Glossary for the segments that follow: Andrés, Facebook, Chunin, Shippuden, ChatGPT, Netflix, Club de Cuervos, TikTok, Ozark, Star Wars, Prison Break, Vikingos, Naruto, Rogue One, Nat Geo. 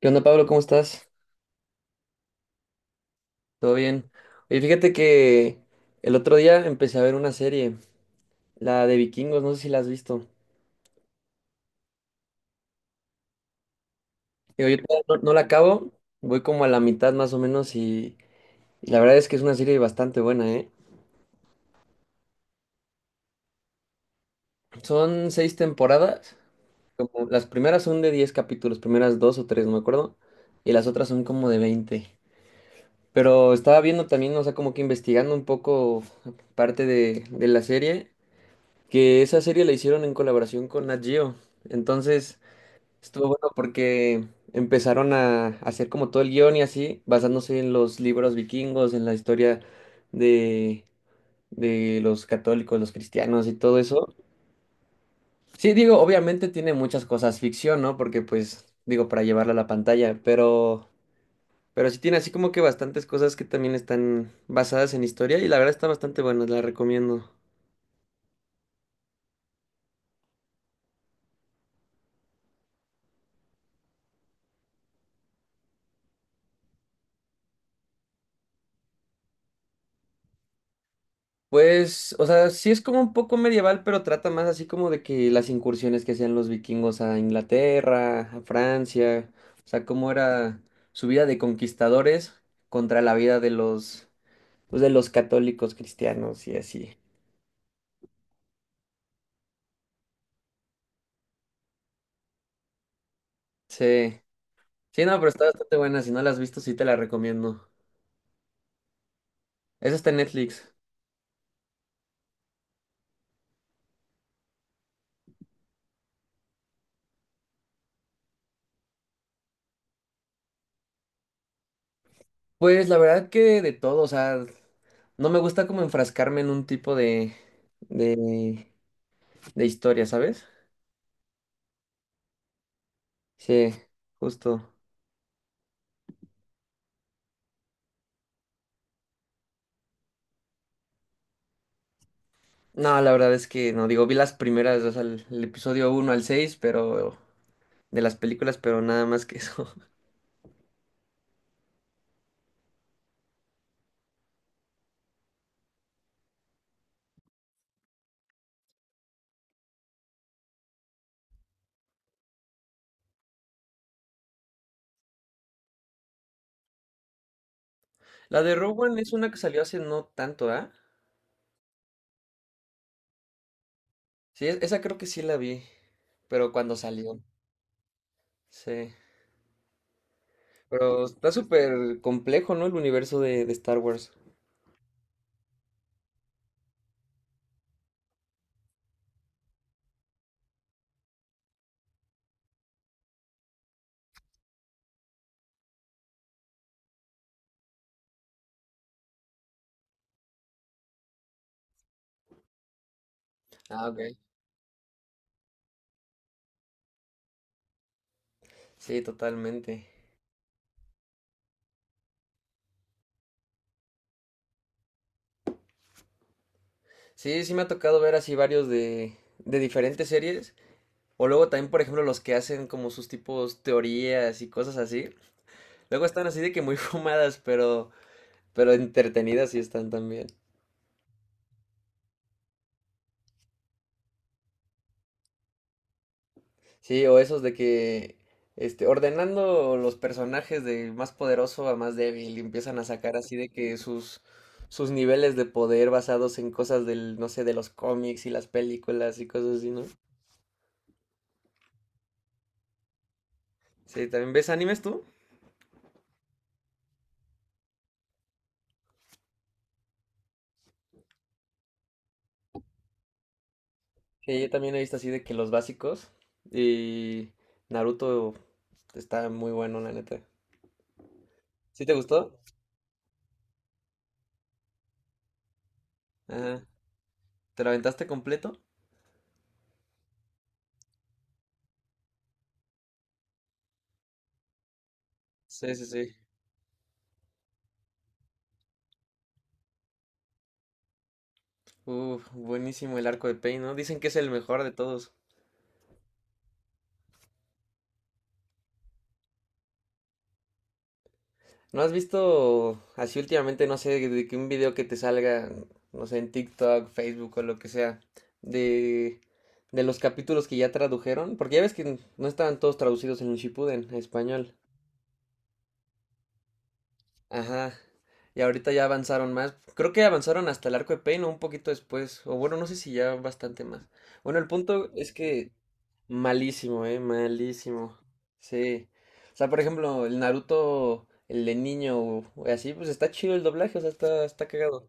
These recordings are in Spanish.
¿Qué onda, Pablo? ¿Cómo estás? ¿Todo bien? Oye, fíjate que el otro día empecé a ver una serie, la de Vikingos, no sé si la has visto. Digo, yo todavía no, no la acabo, voy como a la mitad más o menos y la verdad es que es una serie bastante buena, ¿eh? Son seis temporadas, como las primeras son de 10 capítulos, primeras dos o tres, no me acuerdo, y las otras son como de 20. Pero estaba viendo también, o sea, como que investigando un poco parte de la serie. Que esa serie la hicieron en colaboración con Nat Geo. Entonces, estuvo bueno porque empezaron a hacer como todo el guión y así, basándose en los libros vikingos, en la historia de, de los católicos, los cristianos y todo eso. Sí, digo, obviamente tiene muchas cosas ficción, ¿no? Porque pues, digo, para llevarla a la pantalla, pero... Pero sí tiene así como que bastantes cosas que también están basadas en historia y la verdad está bastante buena, la recomiendo. Pues, o sea, sí es como un poco medieval, pero trata más así como de que las incursiones que hacían los vikingos a Inglaterra, a Francia, o sea, cómo era su vida de conquistadores contra la vida de los, pues, de los católicos cristianos y así. Sí, sí, no, pero está bastante buena, si no la has visto, sí te la recomiendo. Esa está en Netflix. Pues la verdad que de todo, o sea, no me gusta como enfrascarme en un tipo de, de historia, ¿sabes? Sí, justo. No, la verdad es que no, digo, vi las primeras, o sea, el episodio uno al 6 pero de las películas, pero nada más que eso. La de Rogue One es una que salió hace no tanto, ¿ah? Sí, esa creo que sí la vi, pero cuando salió, sí. Pero está súper complejo, ¿no? El universo de Star Wars. Ah, ok. Sí, totalmente. Sí, sí me ha tocado ver así varios de diferentes series. O luego también, por ejemplo, los que hacen como sus tipos teorías y cosas así. Luego están así de que muy fumadas, pero... Pero entretenidas sí están también. Sí, o esos de que este, ordenando los personajes de más poderoso a más débil, y empiezan a sacar así de que sus niveles de poder basados en cosas del, no sé, de los cómics y las películas y cosas así, ¿no? Sí, ¿también ves animes tú? Sí, yo también he visto así de que los básicos y Naruto está muy bueno, la neta. ¿Sí te gustó? Ajá. ¿Te lo aventaste completo? Sí, sí, sí. Uf, buenísimo el arco de Pain, ¿no? Dicen que es el mejor de todos. ¿No has visto así últimamente, no sé, de que un video que te salga, no sé, en TikTok, Facebook o lo que sea, de, de los capítulos que ya tradujeron? Porque ya ves que no estaban todos traducidos en un Shippuden, a español. Ajá. Y ahorita ya avanzaron más. Creo que avanzaron hasta el arco de Pain o un poquito después. O bueno, no sé si ya bastante más. Bueno, el punto es que malísimo, malísimo. Sí. O sea, por ejemplo, el Naruto, el de niño, o así, pues está chido el doblaje, o sea, está, está cagado.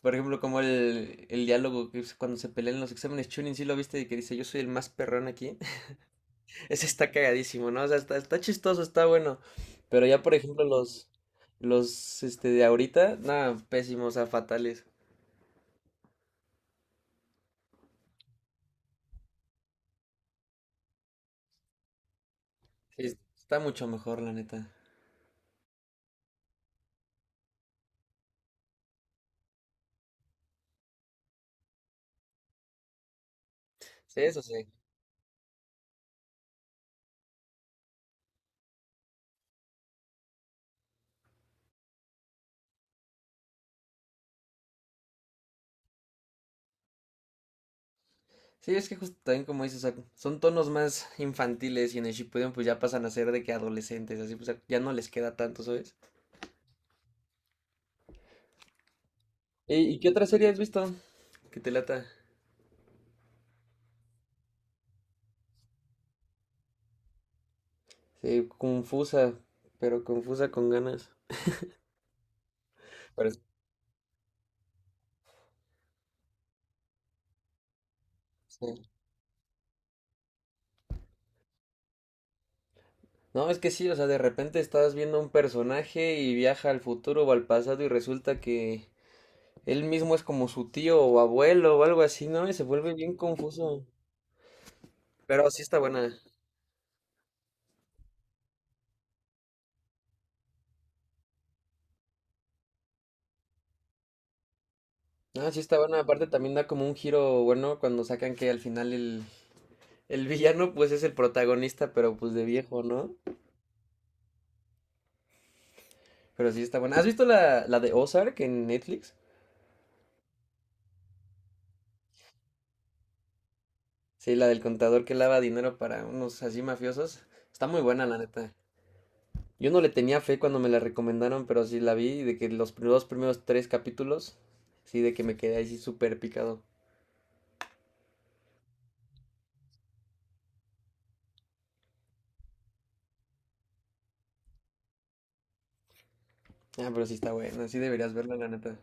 Por ejemplo, como el diálogo que es cuando se pelean en los exámenes Chunin, sí lo viste, y que dice, yo soy el más perrón aquí. Ese está cagadísimo, ¿no? O sea, está, está chistoso, está bueno. Pero ya, por ejemplo, los de ahorita, nada, pésimos, o sea, fatales. Sí, está mucho mejor, la neta. Sí, eso sí. Sí, es que justo también como dices, o sea, son tonos más infantiles y en el Shippuden pues ya pasan a ser de que adolescentes, así pues ya no les queda tanto, ¿sabes? ¿Y qué otra serie has visto? Que te lata. Sí, confusa, pero confusa con ganas. Pero es- sí. No, es que sí, o sea, de repente estás viendo un personaje y viaja al futuro o al pasado y resulta que él mismo es como su tío o abuelo o algo así, ¿no? Y se vuelve bien confuso. Pero sí está buena. Ah, sí está bueno. Aparte también da como un giro bueno cuando sacan que al final el villano pues es el protagonista, pero pues de viejo, ¿no? Pero sí está bueno. ¿Has visto la de Ozark en Netflix? Sí, la del contador que lava dinero para unos así mafiosos. Está muy buena, la neta. Yo no le tenía fe cuando me la recomendaron, pero sí la vi y de que los primeros tres capítulos, sí, de que me quedé así súper picado. Ah, pero sí está buena, sí deberías verla, la neta.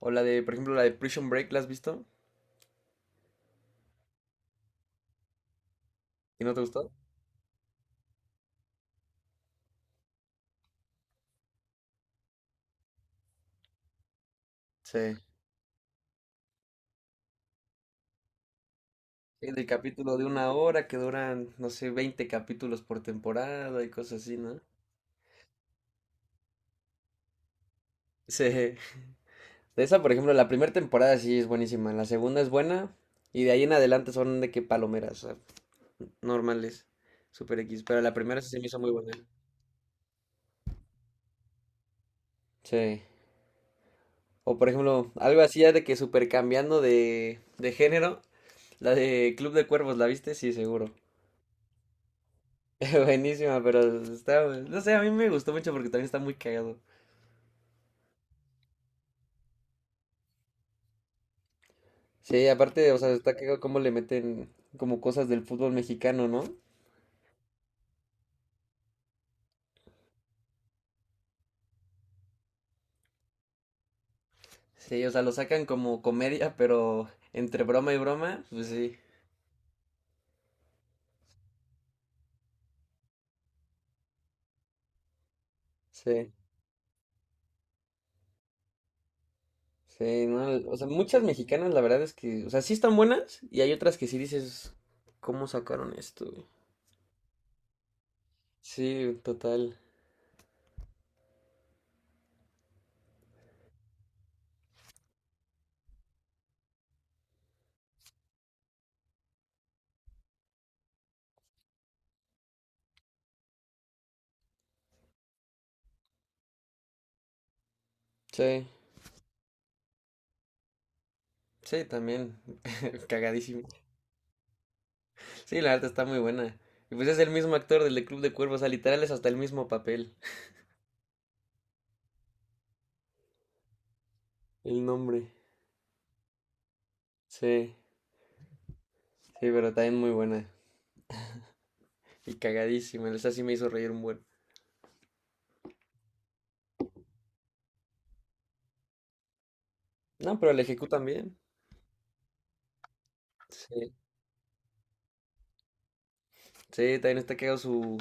O la de, por ejemplo, la de Prison Break, ¿la has visto? ¿Y no te gustó? Sí. Sí, del capítulo de 1 hora que duran, no sé, 20 capítulos por temporada y cosas así, ¿no? Sí. De esa, por ejemplo, la primera temporada sí es buenísima, la segunda es buena y de ahí en adelante son de que palomeras, o sea, normales, super X, pero la primera sí se me hizo muy buena. Sí. O por ejemplo, algo así ya de que super cambiando de género, la de Club de Cuervos, ¿la viste? Sí, seguro. Buenísima, pero está, no sé, a mí me gustó mucho porque también está muy cagado. Sí, aparte, o sea, está cagado cómo le meten como cosas del fútbol mexicano, ¿no? Sí, o sea, lo sacan como comedia, pero entre broma y broma, pues sí. Sí, sí, no, el- o sea, muchas mexicanas la verdad es que, o sea, sí están buenas y hay otras que sí dices, ¿cómo sacaron esto, güey? Sí, total. Sí, sí, también. Cagadísimo. Sí, la verdad está muy buena. Y pues es el mismo actor del de Club de Cuervos, o sea, literal es hasta el mismo papel. El nombre. Sí, sí, pero también muy buena. Y cagadísima, esa sí me hizo reír un buen. No, pero el Ejecu también. Sí, sí, también está cagado su,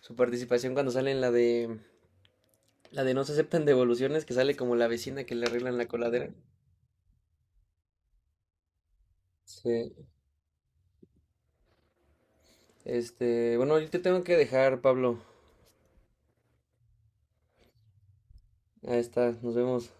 su participación cuando sale en la de no se aceptan devoluciones, que sale como la vecina que le arreglan la coladera. Sí. Este, bueno, yo te tengo que dejar, Pablo. Ahí está, nos vemos.